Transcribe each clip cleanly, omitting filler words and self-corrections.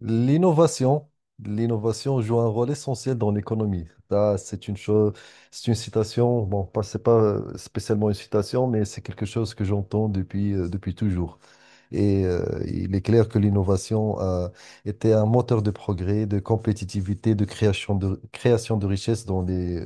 L'innovation, l'innovation joue un rôle essentiel dans l'économie. Là, c'est une chose, c'est une citation, bon, pas, c'est pas spécialement une citation, mais c'est quelque chose que j'entends depuis toujours. Et il est clair que l'innovation a été un moteur de progrès, de compétitivité, de création de richesses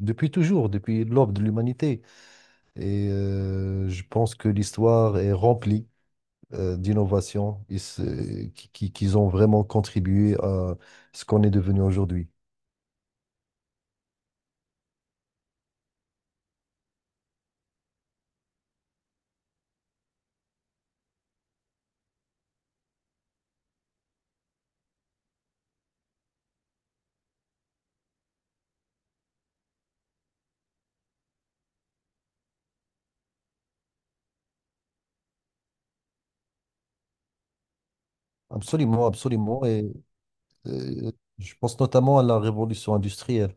depuis toujours, depuis l'aube de l'humanité. Et je pense que l'histoire est remplie d'innovation et qu'ils ont vraiment contribué à ce qu'on est devenu aujourd'hui. Absolument, absolument. Et euh, je pense notamment à la révolution industrielle.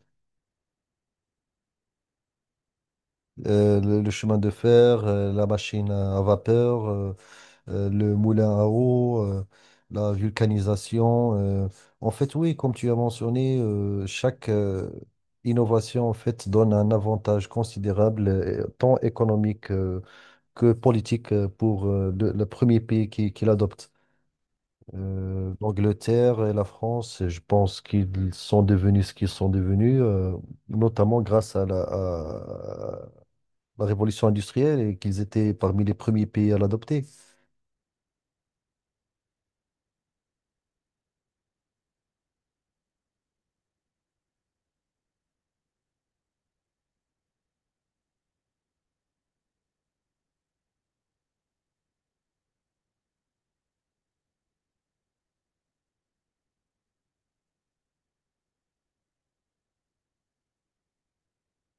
Le chemin de fer, la machine à vapeur, le moulin à eau, la vulcanisation. En fait, oui, comme tu as mentionné, chaque innovation en fait donne un avantage considérable, tant économique, que politique pour le premier pays qui l'adopte. L'Angleterre et la France, je pense qu'ils sont devenus ce qu'ils sont devenus, notamment grâce à la révolution industrielle et qu'ils étaient parmi les premiers pays à l'adopter.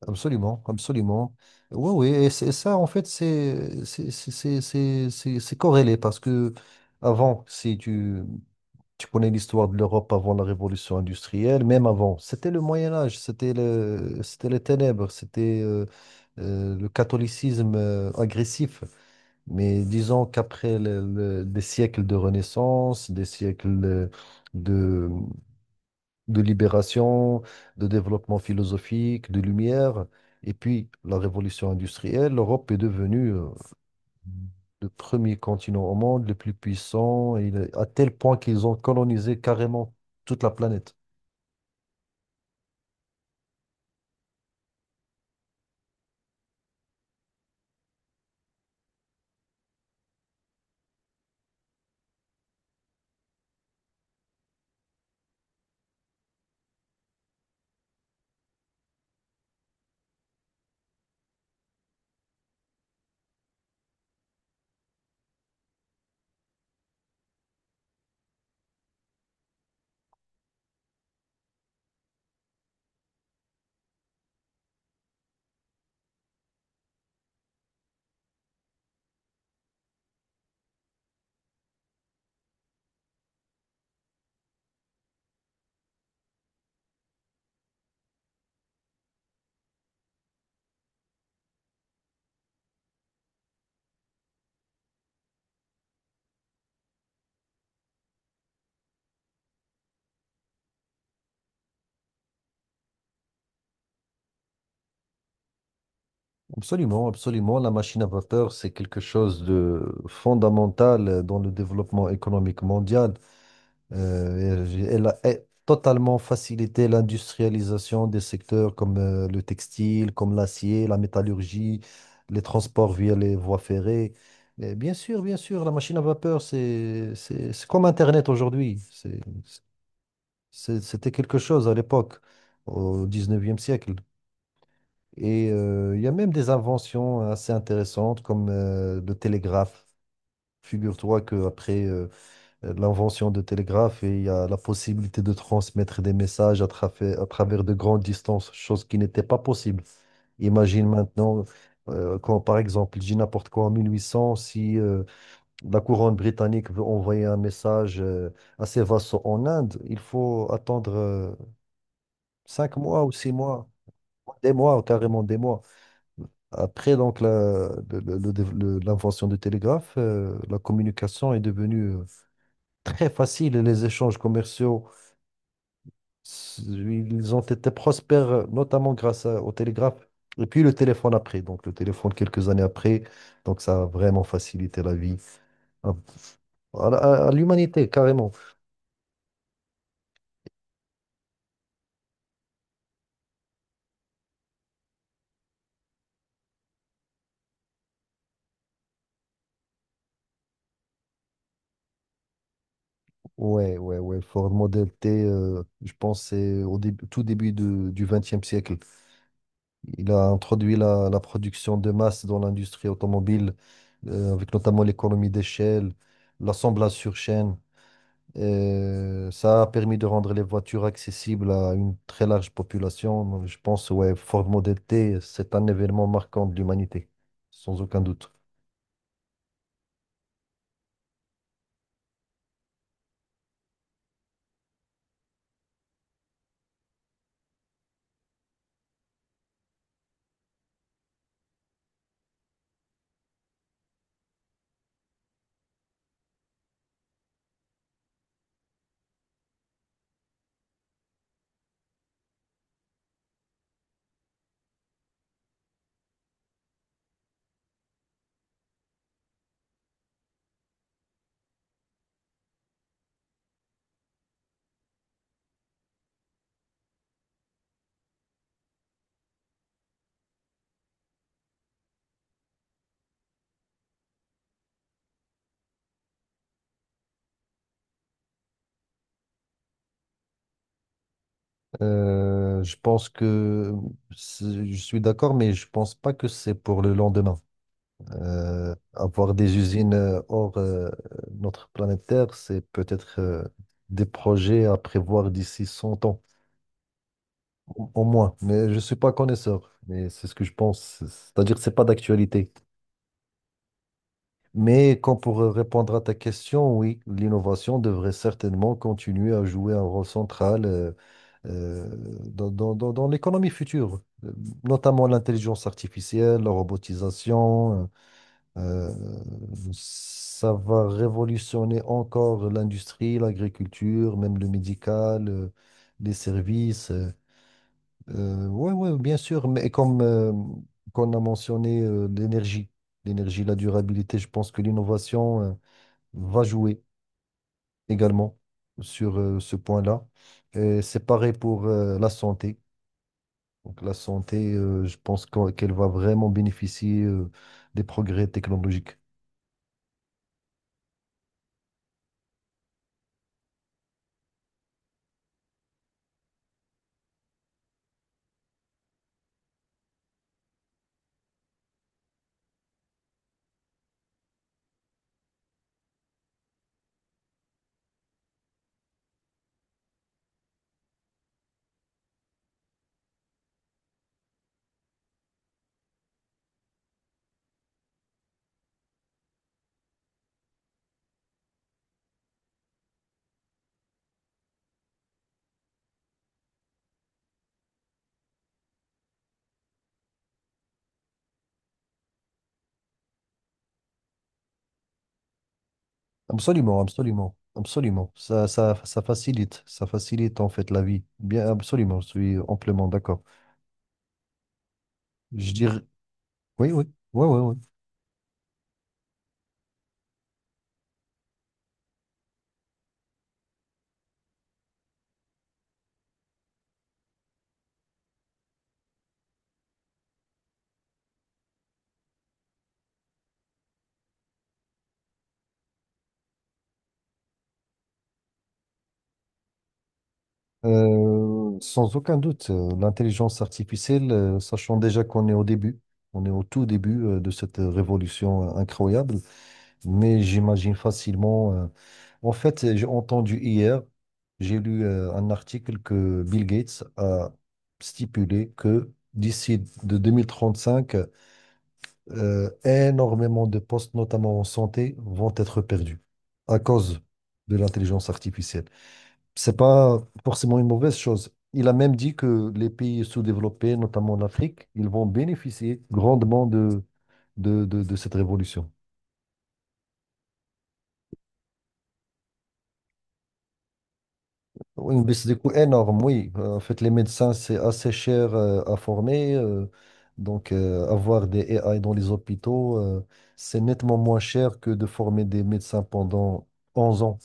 Absolument, absolument. Oui, oui, et ça, en fait, c'est corrélé parce que avant, si tu, tu connais l'histoire de l'Europe avant la révolution industrielle, même avant. C'était le Moyen Âge, c'était les ténèbres, c'était le catholicisme agressif. Mais disons qu'après des siècles de Renaissance, des siècles de, de libération, de développement philosophique, de lumière, et puis la révolution industrielle, l'Europe est devenue le premier continent au monde, le plus puissant, et à tel point qu'ils ont colonisé carrément toute la planète. Absolument, absolument. La machine à vapeur, c'est quelque chose de fondamental dans le développement économique mondial. Elle a totalement facilité l'industrialisation des secteurs comme le textile, comme l'acier, la métallurgie, les transports via les voies ferrées. Et bien sûr, la machine à vapeur, c'est comme Internet aujourd'hui. C'était quelque chose à l'époque, au 19e siècle. Et il y a même des inventions assez intéressantes comme le télégraphe. Figure-toi qu'après l'invention de télégraphe, il y a la possibilité de transmettre des messages à travers de grandes distances, chose qui n'était pas possible. Imagine maintenant, quand par exemple, je dis n'importe quoi, en 1800, si la couronne britannique veut envoyer un message à ses vassaux en Inde, il faut attendre. 5 mois ou 6 mois, des mois, carrément des mois. Après donc l'invention du télégraphe, la communication est devenue très facile et les échanges commerciaux, ils ont été prospères, notamment grâce au télégraphe et puis le téléphone après. Donc le téléphone quelques années après, donc ça a vraiment facilité la vie à, à l'humanité carrément. Ouais, ouais, ouais. Ford Model T, je pense c'est au début, tout début du XXe siècle. Il a introduit la production de masse dans l'industrie automobile, avec notamment l'économie d'échelle, l'assemblage sur chaîne. Et ça a permis de rendre les voitures accessibles à une très large population. Donc, je pense, ouais, Ford Model T, c'est un événement marquant de l'humanité, sans aucun doute. Je pense que je suis d'accord, mais je pense pas que c'est pour le lendemain. Avoir des usines hors notre planète Terre, c'est peut-être des projets à prévoir d'ici 100 ans, au moins. Mais je ne suis pas connaisseur, mais c'est ce que je pense. C'est-à-dire que ce n'est pas d'actualité. Mais quand pour répondre à ta question, oui, l'innovation devrait certainement continuer à jouer un rôle central euh, dans l'économie future, notamment l'intelligence artificielle, la robotisationEuh, Ça va révolutionner encore l'industrie, l'agriculture, même le médical, les services. Ouais, ouais, bien sûr, mais comme qu'on a mentionné l'énergie, la durabilité, je pense que l'innovation va jouer également sur ce point-là. Et c'est pareil pour la santé. Donc la santé, je pense qu'elle va vraiment bénéficier des progrès technologiques. Absolument, absolument, absolument. Ça facilite en fait la vie. Bien, absolument, je suis amplement d'accord. Je dirais, oui, oui, oui, oui, oui. Sans aucun doute, l'intelligence artificielle, sachant déjà qu'on est au début, on est au tout début de cette révolution incroyable, mais j'imagine facilement. En fait, j'ai entendu hier, j'ai lu un article que Bill Gates a stipulé que d'ici de 2035, énormément de postes, notamment en santé, vont être perdus à cause de l'intelligence artificielle. C'est pas forcément une mauvaise chose. Il a même dit que les pays sous-développés, notamment en Afrique, ils vont bénéficier grandement de cette révolution. Oui, une baisse des coûts énorme, oui. En fait, les médecins, c'est assez cher à former. Donc, avoir des AI dans les hôpitaux, c'est nettement moins cher que de former des médecins pendant 11 ans.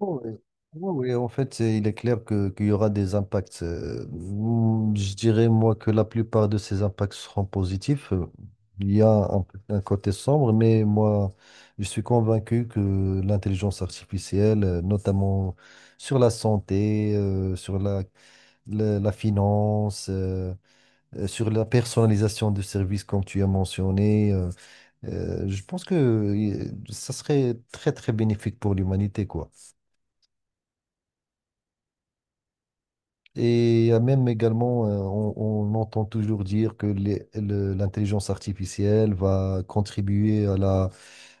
Oui, oui, oui, en fait, il est clair que, qu'il y aura des impacts. Ou Je dirais, moi, que la plupart de ces impacts seront positifs. Il y a un côté sombre, mais moi, je suis convaincu que l'intelligence artificielle, notamment sur la santé, sur la finance, sur la personnalisation de services, comme tu as mentionné, je pense que ça serait très, très bénéfique pour l'humanité, quoi. Et il y a même également, on entend toujours dire que l'intelligence artificielle va contribuer à la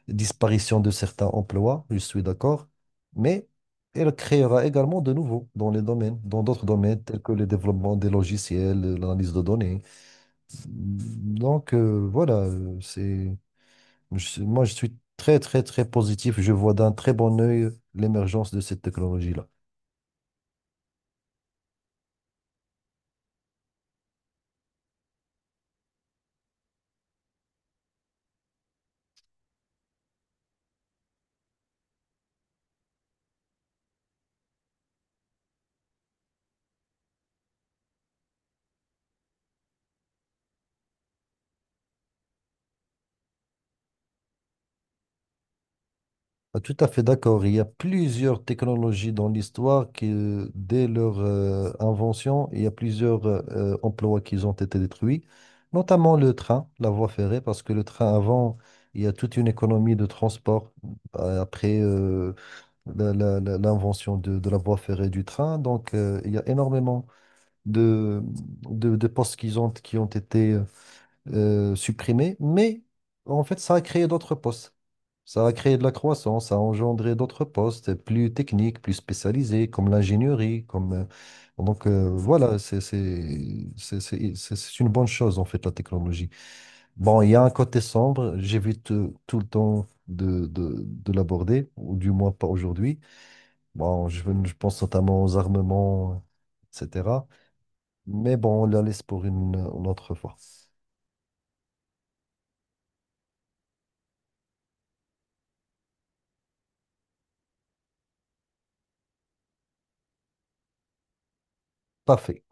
disparition de certains emplois, je suis d'accord, mais elle créera également de nouveaux dans les domaines, dans d'autres domaines tels que le développement des logiciels, l'analyse de données. Donc voilà, moi je suis très, très, très positif, je vois d'un très bon œil l'émergence de cette technologie-là. Ah, tout à fait d'accord. Il y a plusieurs technologies dans l'histoire qui, dès leur invention, il y a plusieurs emplois qui ont été détruits, notamment le train, la voie ferrée, parce que le train avant, il y a toute une économie de transport après l'invention de la voie ferrée du train. Donc, il y a énormément de, de postes qui ont été supprimés, mais en fait, ça a créé d'autres postes. Ça a créé de la croissance, ça a engendré d'autres postes plus techniques, plus spécialisés, comme l'ingénierie, donc voilà, c'est une bonne chose en fait, la technologie. Bon, il y a un côté sombre, j'évite tout le temps de l'aborder, ou du moins pas aujourd'hui. Bon, je pense notamment aux armements, etc. Mais bon, on la laisse pour une autre fois. Parfait.